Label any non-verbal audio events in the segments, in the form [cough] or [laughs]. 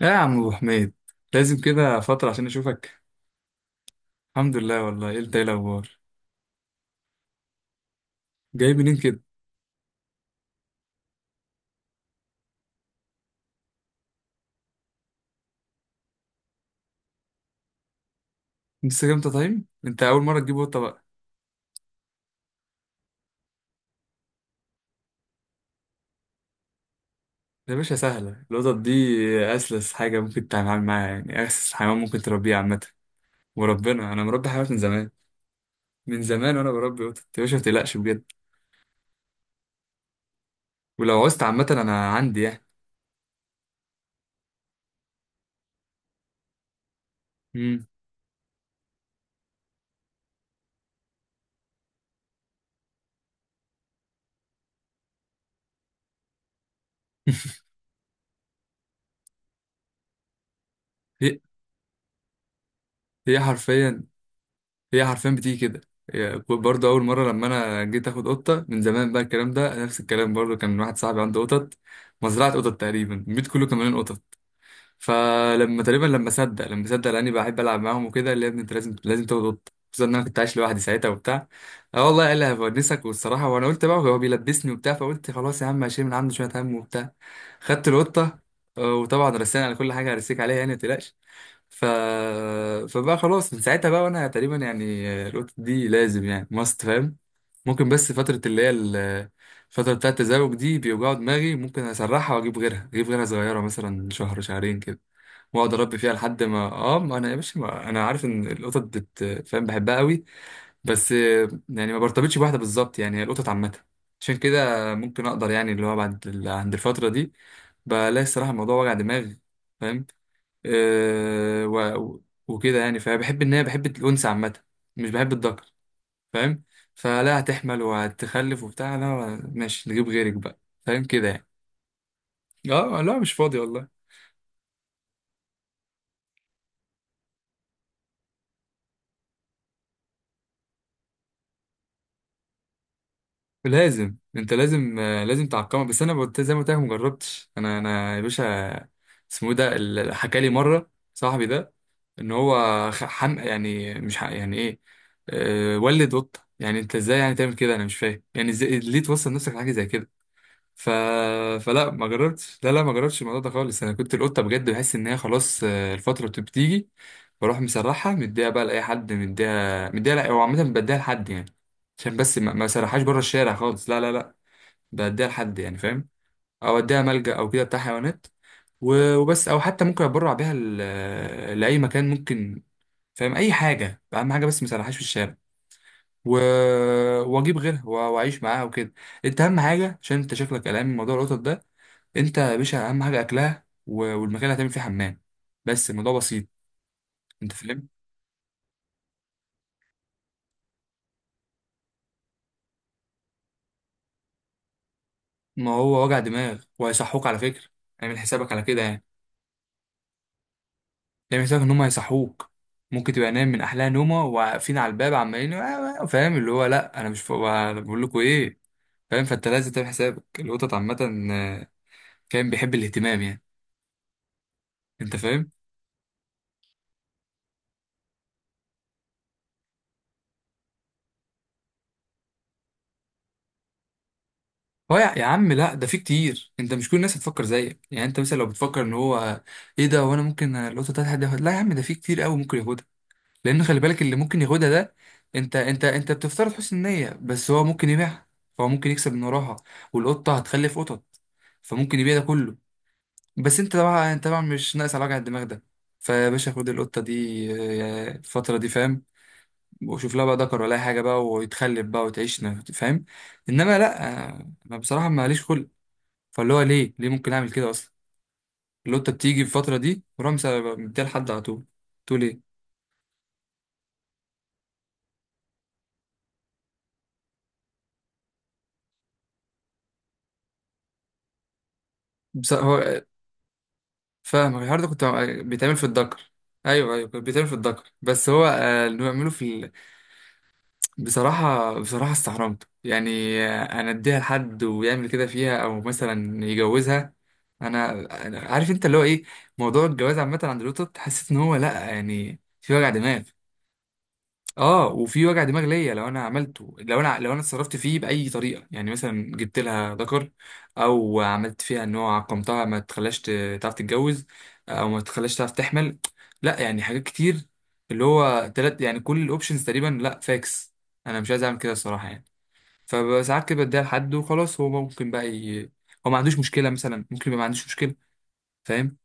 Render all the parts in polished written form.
لا يا عم ابو حميد، لازم كده فترة عشان اشوفك. الحمد لله والله. ايه؟ انت ايه الاخبار؟ جاي منين كده؟ لسه جامد طايم. انت اول مرة تجيب قطة بقى؟ يا باشا، سهلة القطط دي. اسلس حاجة ممكن تتعامل معاها، يعني اسلس حيوان ممكن تربيه عامة. وربنا انا مربي حيوانات من زمان، من زمان وانا بربي قطط يا باشا، ما تقلقش بجد. ولو عوزت عامة انا عندي يعني. مم. [laughs] هي هي حرفيا هي حرفيا بتيجي كده. يعني برضه اول مره لما انا جيت اخد قطه من زمان بقى، الكلام ده نفس الكلام برضه، كان واحد صاحبي عنده قطط، مزرعه قطط تقريبا، البيت كله كان مليان قطط. فلما تقريبا لما صدق لاني بحب العب معاهم وكده، قال لي يا ابني انت لازم تاخد قطه، خصوصا ان انا كنت عايش لوحدي ساعتها وبتاع. اه والله قال لي هبونسك والصراحه، وانا قلت بقى هو بيلبسني وبتاع، فقلت خلاص يا عم هشيل من عنده شويه هم وبتاع. خدت القطه. وطبعا رسينا على كل حاجه، هرسيك عليها يعني متقلقش. ف... فبقى خلاص من ساعتها بقى، وانا تقريبا يعني القطط دي لازم يعني ماست. فاهم؟ ممكن بس فترة اللي هي الفترة بتاعة التزاوج دي بيوجعوا دماغي، ممكن اسرحها واجيب غيرها، اجيب غيرها صغيرة مثلا شهر شهرين كده، واقعد اربي فيها لحد ما اه ما انا يا باشا، ما... انا عارف ان القطط فاهم بحبها قوي، بس يعني ما برتبطش بواحدة بالظبط، يعني هي القطط عامة. عشان كده ممكن اقدر يعني اللي هو بعد عند الفترة دي بلاقي الصراحة الموضوع وجع دماغ. فاهم؟ آه، و- وكده يعني، فبحب ان هي بحب الانثى عامه، مش بحب الذكر. فاهم؟ فلا هتحمل وهتخلف وبتاع، لا ماشي نجيب غيرك بقى. فاهم كده يعني. اه لا مش فاضي والله. لازم انت لازم لازم تعقمها، بس انا قلت زي ما قلت لك، ما جربتش انا انا يا باشا. اسمه إيه ده حكى لي مره صاحبي ده ان هو خ- حم يعني مش حق يعني ايه، ولد قطه يعني انت ازاي يعني تعمل كده، انا مش فاهم يعني ازاي ليه توصل نفسك لحاجه زي كده. ف... فلا ما جربتش، لا لا ما جربتش الموضوع ده خالص. انا كنت القطه بجد بحس ان هي خلاص الفتره بتيجي، بروح مسرحها مديها بقى لاي حد، مديها مديها، لا هو عامه بديها لحد يعني، عشان بس ما سرحهاش بره الشارع خالص، لا لا لا. بديها لحد يعني، فاهم؟ او اديها ملجأ او كده بتاع حيوانات وبس، او حتى ممكن اتبرع بيها لاي مكان ممكن، فاهم؟ اي حاجه، اهم حاجه بس ما سرحهاش في الشارع. و... واجيب غيرها واعيش معاها وكده. انت اهم حاجه، عشان انت شكلك قلقان من موضوع القطط ده، انت يا باشا اهم حاجه اكلها والمكان اللي هتعمل فيه حمام. بس الموضوع بسيط. انت فاهم؟ ما هو وجع دماغ، وهيصحوك على فكره. اعمل حسابك على كده يعني. اعمل حسابك ان هم هيصحوك. ممكن تبقى نايم من احلى نومه، وواقفين على الباب عمالين "آه، آه"، فاهم اللي هو لا، انا مش فوق، أنا بقول لكم ايه. فاهم؟ فانت لازم تعمل حسابك، القطط عامه آه، كان بيحب الاهتمام يعني. انت فاهم؟ هو يا عم لا، ده في كتير. انت مش كل الناس هتفكر زيك، يعني انت مثلا لو بتفكر ان هو ايه ده وانا ممكن القطه بتاعتي حد ياخد، لا يا عم، ده في كتير قوي ممكن ياخدها. لان خلي بالك اللي ممكن ياخدها ده، انت بتفترض حسن النية، بس هو ممكن يبيعها، فهو ممكن يكسب من وراها، والقطة هتخلف قطط، فممكن يبيع ده كله. بس انت طبعا انت طبعا مش ناقص على وجع الدماغ ده. فيا باشا خد القطة دي الفترة دي، فاهم؟ وشوف لها بقى ذكر ولا أي حاجة بقى، ويتخلف بقى وتعيش، فاهم؟ انما لا انا بصراحة ماليش خلق. فاللي هو ليه ليه ممكن اعمل كده اصلا؟ القطة بتيجي في الفترة دي ورمسة بديها لحد على طول. تقول ايه؟ بس هو فاهمك، الحوار ده كنت بيتعمل في الدكر. ايوه ايوه، كان بيتعمل في الدكر، بس هو انه يعمله في بصراحه بصراحه استحرمته يعني، انا اديها لحد ويعمل كده فيها، او مثلا يجوزها. انا أنا عارف انت اللي هو ايه، موضوع الجواز عامه عند لوتو حسيت ان هو لا يعني في وجع دماغ. اه، وفي وجع دماغ ليا لو انا عملته، لو انا اتصرفت فيه باي طريقه، يعني مثلا جبت لها ذكر، او عملت فيها ان هو عقمتها، ما تخلاش تعرف تتجوز، او ما تخلاش تعرف تحمل. لا يعني حاجات كتير، اللي هو تلات يعني كل الاوبشنز تقريبا، لا فاكس، انا مش عايز اعمل كده الصراحه يعني. فساعات كده بديها لحد وخلاص. هو ممكن بقى هو ما عندوش مشكله، مثلا ممكن يبقى ما عندوش مشكله. فاهم؟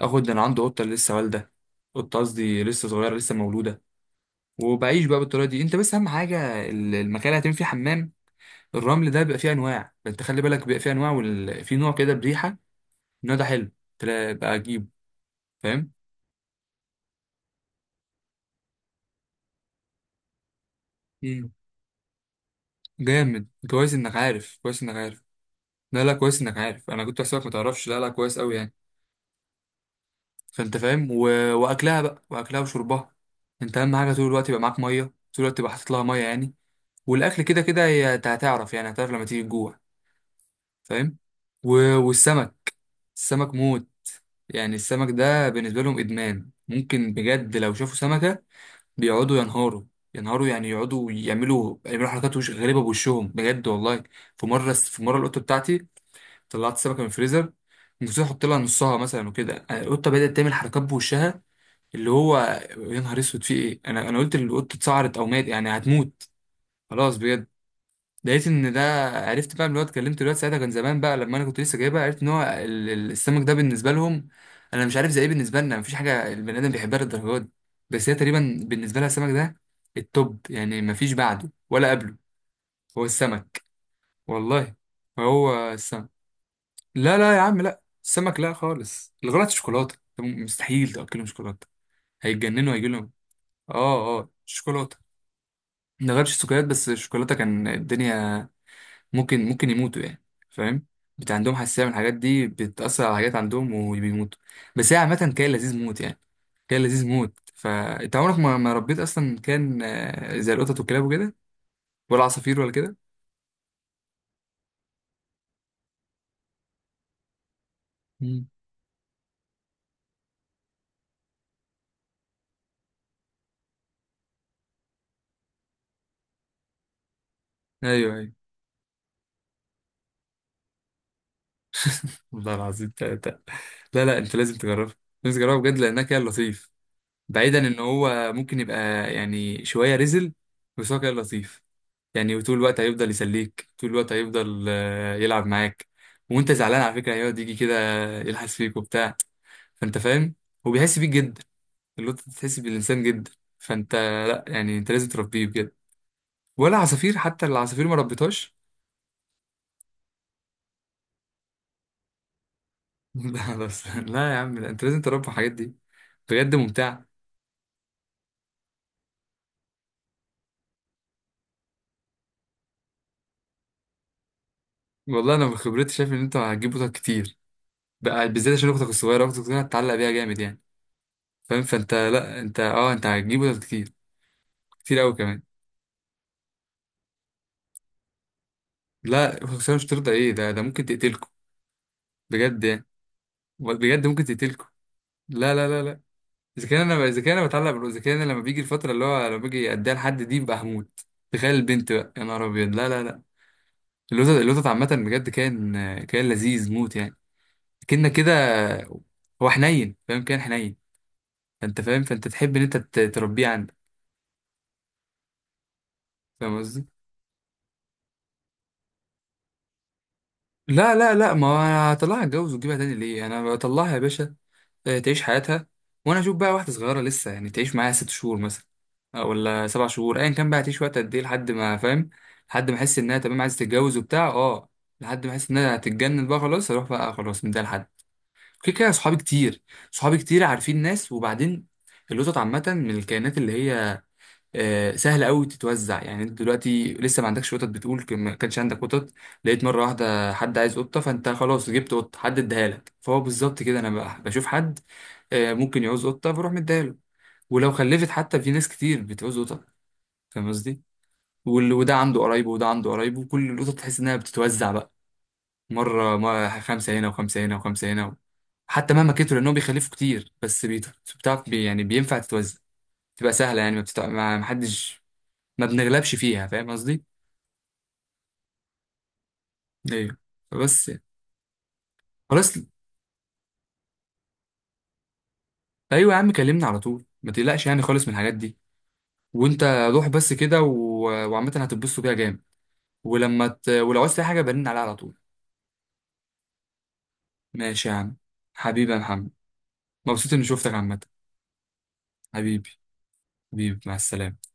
اخد ده، انا عنده قطه لسه والده، قطه قصدي لسه صغيره، لسه مولوده، وبعيش بقى بالطريقه دي. انت بس اهم حاجه المكان اللي هتعمل فيه حمام، الرمل ده بيبقى فيه انواع، انت خلي بالك بيبقى فيه انواع في نوع كده بريحه، النوع ده حلو. بقى اجيبه، فاهم؟ مم. جامد، كويس انك عارف، كويس انك عارف. لا لا كويس انك عارف، انا كنت حاسسك ما تعرفش، لا لا كويس قوي يعني. فانت فاهم واكلها بقى، واكلها وشربها. انت اهم حاجه طول الوقت يبقى معاك ميه، طول الوقت تبقى حاطط لها ميه يعني. والاكل كده كده هي هتعرف يعني، هتعرف لما تيجي الجوع. فاهم؟ و... والسمك، السمك موت، يعني السمك ده بالنسبة لهم إدمان ممكن بجد. لو شافوا سمكة بيقعدوا ينهاروا، ينهاروا يعني، يقعدوا يعملوا حركات وش غريبة بوشهم بجد والله. في مرة القطة بتاعتي طلعت سمكة من الفريزر، نسيت أحط لها نصها مثلا وكده، القطة بدأت تعمل حركات بوشها، اللي هو يا نهار أسود في إيه، أنا قلت القطة اتسعرت أو مات يعني هتموت خلاص بجد. لقيت ان ده عرفت بقى من الواد، كلمت الواد ساعتها كان زمان بقى لما انا كنت لسه جايبها، عرفت ان هو السمك ده بالنسبه لهم انا مش عارف زي ايه، بالنسبه لنا مفيش حاجه البني ادم بيحبها للدرجه دي. بس هي تقريبا بالنسبه لها السمك ده التوب، يعني مفيش بعده ولا قبله. هو السمك والله، هو السمك. لا لا يا عم لا، السمك لا خالص. الغلط الشوكولاته ده، مستحيل تاكلهم شوكولاته، هيتجننوا، هيجي لهم. اه اه، شوكولاته، ما جربتش السكريات، بس الشوكولاته كان الدنيا، ممكن يموتوا يعني. فاهم؟ بتاع عندهم حساسية من الحاجات دي، بتأثر على حاجات عندهم وبيموتوا. بس هي عامة كان لذيذ موت يعني، كان لذيذ موت. فأنت عمرك ما ربيت أصلا كان زي القطط والكلاب وكده، ولا عصافير ولا كده؟ مم. أيوه أيوه، والله العظيم تلاتة. لا لا أنت لازم تجربه، لازم تجربه بجد، لأنها كان لطيف، بعيدا إن هو ممكن يبقى يعني شوية رزل، بس هو كان لطيف يعني. وطول الوقت هيفضل يسليك، طول الوقت هيفضل يلعب معاك. وانت زعلان على فكره هيقعد يجي كده يلحس فيك وبتاع، فانت فاهم؟ هو بيحس بيك جدا، اللي انت بتحس بالانسان جدا. فانت لا يعني، انت لازم تربيه بجد، ولا عصافير، حتى العصافير ما ربيتهاش؟ [laughs] لا بس لا يا عم، لا انت لازم تربي الحاجات دي بجد، ممتعه. والله انا من خبرتي شايف ان انت هتجيب قطط كتير بقى، بالذات عشان اختك الصغيره، اختك الصغيره هتتعلق بيها جامد يعني. فاهم؟ فانت لا، انت هتجيب قطط كتير، كتير قوي كمان. لا خسارة مش ترضى ايه ده ممكن تقتلكم بجد يعني، بجد ممكن تقتلكم، لا لا لا لا. اذا كان انا اذا كان انا بتعلق بالو اذا كان أنا لما بيجي الفترة اللي هو لما باجي اديها لحد دي ببقى هموت. تخيل البنت بقى يا نهار ابيض، لا لا لا. اللوتس، اللوتس عامة بجد كان، كان لذيذ موت يعني. كنا كده، هو حنين فاهم، كان حنين. فانت فاهم؟ فانت تحب ان انت تربيه عندك. فاهم قصدي؟ لا لا لا، ما انا هطلعها اتجوز وتجيبها تاني ليه؟ انا بطلعها يا باشا تعيش حياتها، وانا اشوف بقى واحده صغيره لسه يعني تعيش معايا 6 شهور مثلا ولا 7 شهور ايا كان بقى، هتعيش وقت قد ايه لحد ما، فاهم؟ لحد ما احس انها تمام عايزه تتجوز وبتاع. اه لحد ما احس انها هتتجنن بقى خلاص، اروح بقى خلاص من ده لحد كده. كده صحابي كتير، صحابي كتير عارفين ناس. وبعدين القطط عامه من الكائنات اللي هي سهله قوي تتوزع. يعني انت دلوقتي لسه ما عندكش قطط، بتقول ما كانش عندك قطط، لقيت مره واحده حد عايز قطه فانت خلاص جبت قطه، حد اداها لك. فهو بالظبط كده انا بقى بشوف حد ممكن يعوز قطه بروح مديها له، ولو خلفت حتى في ناس كتير بتعوز قطط. فاهم قصدي؟ وده عنده قرايبه وده عنده قرايبه، وكل القطط تحس انها بتتوزع بقى. مره ما خمسه هنا وخمسه هنا وخمسه هنا، حتى مهما كتروا لانهم بيخلفوا كتير، بس بتعرف بي يعني بينفع تتوزع، تبقى سهله يعني، ما ما حدش ما بنغلبش فيها، فاهم قصدي؟ ايوه بس خلاص. ايوه يا عم، كلمني على طول، ما تقلقش يعني خالص من الحاجات دي. وانت روح بس كده وعامة هتتبسطوا بيها جامد. ولما ولو عايز تلاقي حاجة برن عليها على طول. ماشي يا عم، حبيبي يا محمد، مبسوط اني شفتك عامة. حبيبي، حبيبي، مع السلامة.